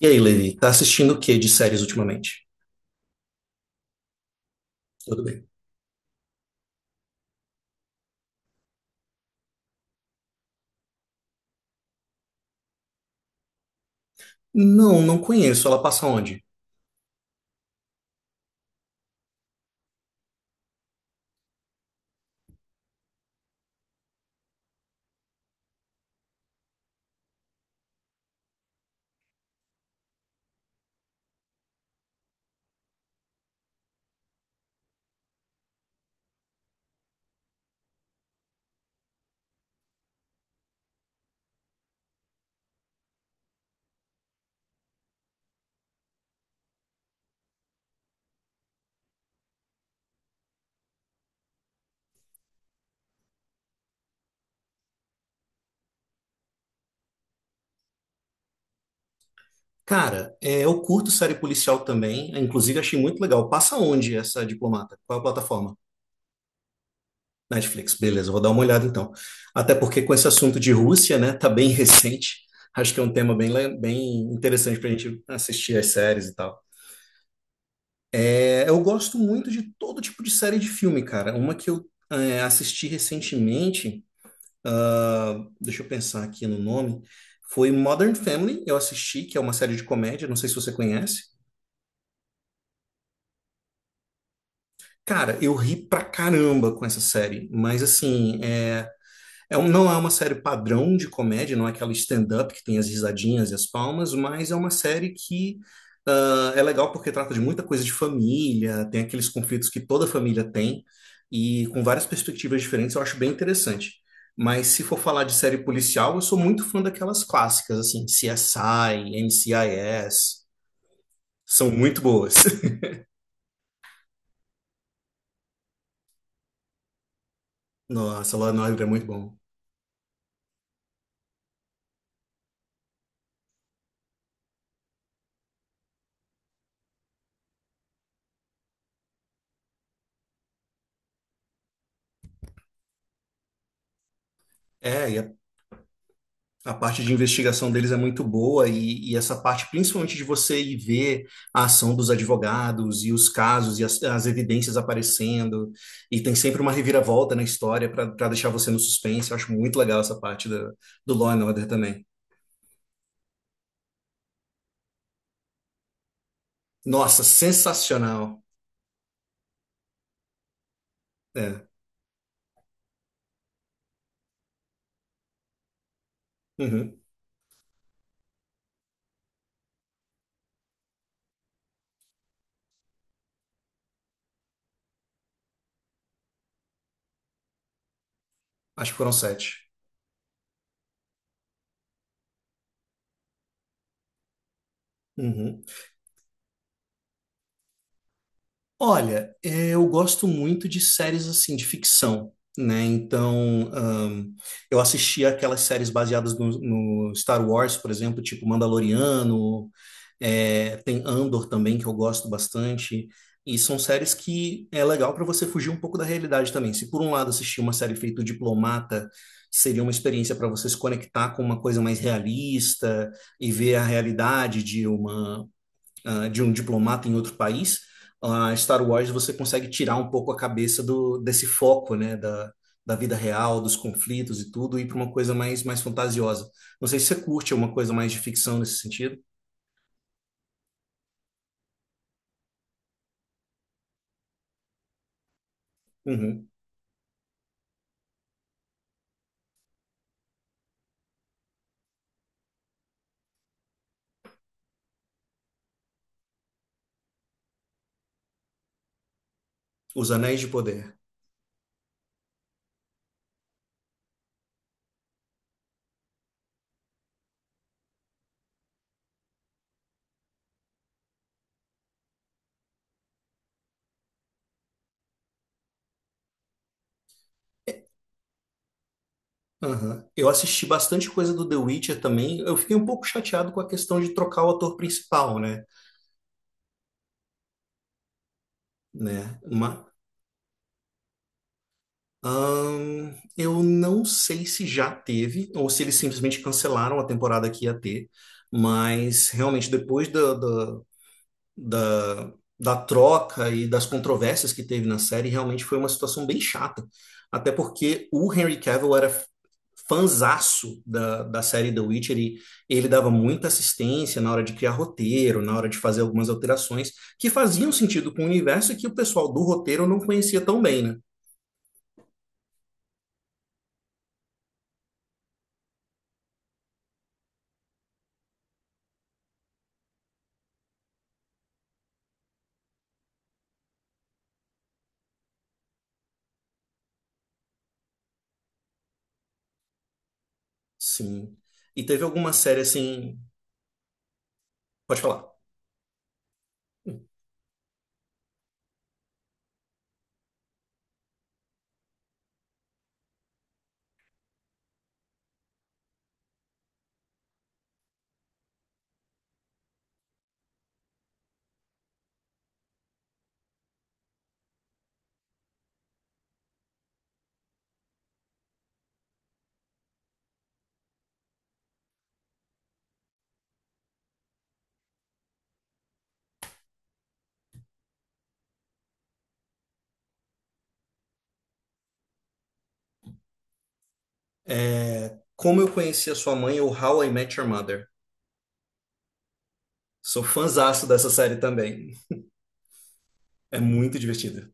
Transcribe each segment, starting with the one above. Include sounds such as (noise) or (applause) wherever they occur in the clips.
E aí, Levi, tá assistindo o que de séries ultimamente? Tudo bem. Não, não conheço. Ela passa onde? Cara, é, eu curto série policial também. Inclusive, achei muito legal. Passa onde essa diplomata? Qual é a plataforma? Netflix. Beleza, eu vou dar uma olhada então. Até porque com esse assunto de Rússia, né, tá bem (laughs) recente. Acho que é um tema bem, bem interessante pra gente assistir as séries e tal. É, eu gosto muito de todo tipo de série de filme, cara. Uma que assisti recentemente. ah, Deixa eu pensar aqui no nome. Foi Modern Family, eu assisti, que é uma série de comédia, não sei se você conhece. Cara, eu ri pra caramba com essa série, mas assim, não é uma série padrão de comédia, não é aquela stand-up que tem as risadinhas e as palmas, mas é uma série que é legal porque trata de muita coisa de família, tem aqueles conflitos que toda família tem, e com várias perspectivas diferentes, eu acho bem interessante. Mas se for falar de série policial, eu sou muito fã daquelas clássicas, assim, CSI, NCIS, são muito boas. (laughs) Nossa, Law and Order é muito bom. É, e a A parte de investigação deles é muito boa e essa parte, principalmente de você ir ver a ação dos advogados e os casos e as evidências aparecendo, e tem sempre uma reviravolta na história para deixar você no suspense. Eu acho muito legal essa parte do Law and Order também. Nossa, sensacional. É. Uhum. Acho que foram sete. Uhum. Olha, é, eu gosto muito de séries assim, de ficção, né? Então, eu assisti aquelas séries baseadas no Star Wars, por exemplo, tipo Mandaloriano, é, tem Andor também, que eu gosto bastante. E são séries que é legal para você fugir um pouco da realidade também. Se por um lado assistir uma série feita o Diplomata seria uma experiência para você se conectar com uma coisa mais realista e ver a realidade de uma de um diplomata em outro país, a Star Wars você consegue tirar um pouco a cabeça desse foco, né, da vida real, dos conflitos e tudo, e para uma coisa mais, mais fantasiosa. Não sei se você curte uma coisa mais de ficção nesse sentido. Uhum. Os Anéis de Poder. Aham. Eu assisti bastante coisa do The Witcher também. Eu fiquei um pouco chateado com a questão de trocar o ator principal, né? Né? Ma- eu não sei se já teve ou se eles simplesmente cancelaram a temporada que ia ter, mas realmente depois da, da troca e das controvérsias que teve na série, realmente foi uma situação bem chata. Até porque o Henry Cavill era fanzaço da série The Witcher e ele dava muita assistência na hora de criar roteiro, na hora de fazer algumas alterações que faziam sentido com o universo e que o pessoal do roteiro não conhecia tão bem, né? Sim. E teve alguma série assim. Pode falar. É, Como Eu Conheci a Sua Mãe ou How I Met Your Mother. Sou fãzaço dessa série também. É muito divertida.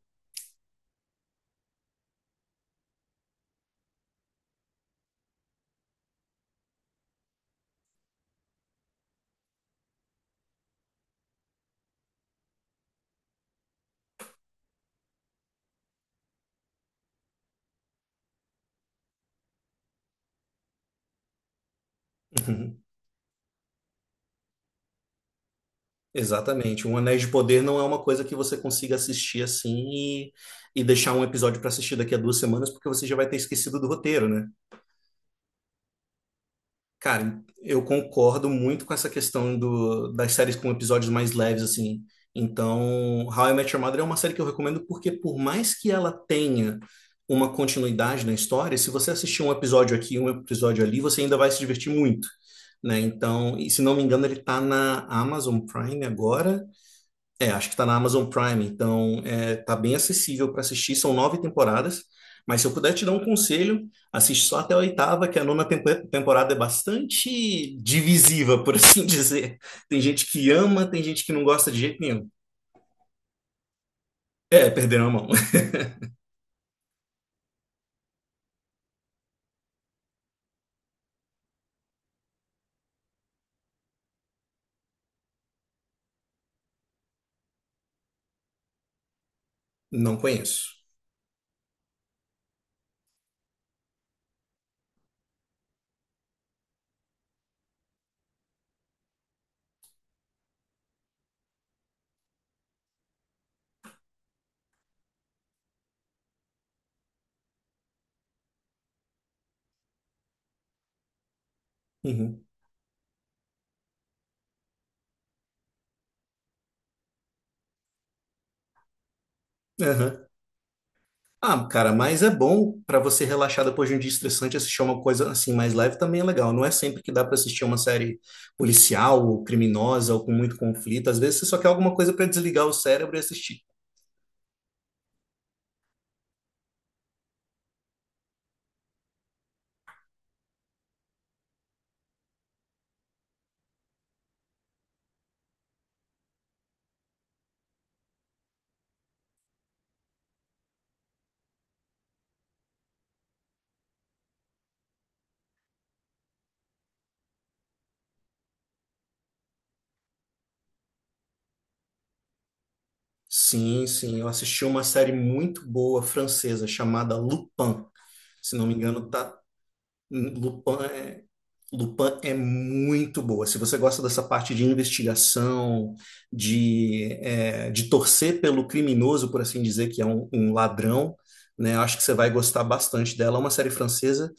Uhum. Exatamente. Um Anéis de Poder não é uma coisa que você consiga assistir assim e deixar um episódio para assistir daqui a duas semanas, porque você já vai ter esquecido do roteiro, né? Cara, eu concordo muito com essa questão das séries com episódios mais leves, assim. Então, How I Met Your Mother é uma série que eu recomendo porque, por mais que ela tenha uma continuidade na história, se você assistir um episódio aqui, um episódio ali, você ainda vai se divertir muito, né? Então, e se não me engano, ele tá na Amazon Prime agora é, acho que está na Amazon Prime, então é, tá bem acessível para assistir. São nove temporadas, mas se eu puder te dar um conselho, assiste só até a oitava, que a nona temporada é bastante divisiva, por assim (laughs) dizer. Tem gente que ama, tem gente que não gosta de jeito nenhum. É, perderam a mão. (laughs) Não conheço. Uhum. Aham. Ah, cara, mas é bom pra você relaxar depois de um dia estressante, assistir uma coisa assim mais leve também é legal. Não é sempre que dá pra assistir uma série policial ou criminosa ou com muito conflito. Às vezes você só quer alguma coisa pra desligar o cérebro e assistir. Sim, sim, eu assisti uma série muito boa francesa chamada Lupin. Se não me engano, tá Lupin é Lupin é muito boa. Se você gosta dessa parte de investigação, de, é, de torcer pelo criminoso, por assim dizer, que é um, um ladrão, né? Acho que você vai gostar bastante dela. É uma série francesa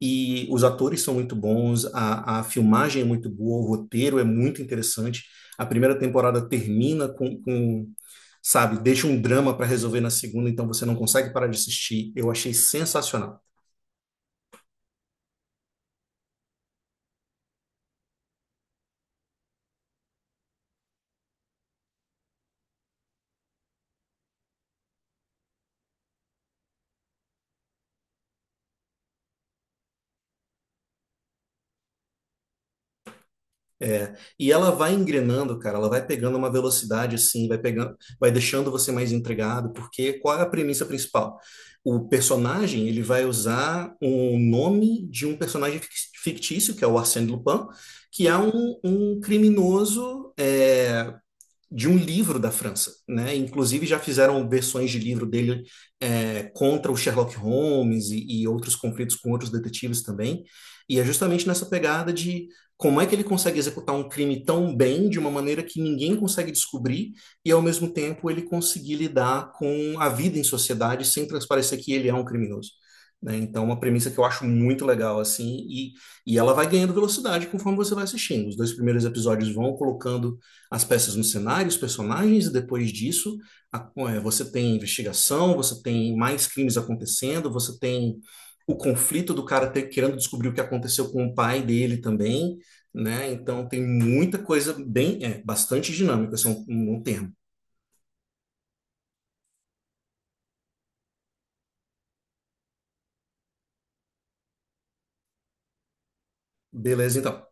e os atores são muito bons, a filmagem é muito boa, o roteiro é muito interessante. A primeira temporada termina com sabe, deixa um drama para resolver na segunda, então você não consegue parar de assistir. Eu achei sensacional. É, e ela vai engrenando, cara, ela vai pegando uma velocidade assim, vai pegando, vai deixando você mais intrigado, porque qual é a premissa principal? O personagem, ele vai usar o nome de um personagem fictício, que é o Arsène Lupin, que é um, um criminoso, é, de um livro da França, né? Inclusive já fizeram versões de livro dele é, contra o Sherlock Holmes e outros conflitos com outros detetives também. E é justamente nessa pegada de como é que ele consegue executar um crime tão bem, de uma maneira que ninguém consegue descobrir, e ao mesmo tempo ele conseguir lidar com a vida em sociedade sem transparecer que ele é um criminoso. Né? Então, uma premissa que eu acho muito legal, assim, e ela vai ganhando velocidade conforme você vai assistindo. Os dois primeiros episódios vão colocando as peças no cenário, os personagens, e depois disso você tem investigação, você tem mais crimes acontecendo, você tem o conflito do cara querendo descobrir o que aconteceu com o pai dele também, né? Então tem muita coisa bem, é, bastante dinâmica, esse é um, um termo. Beleza, então.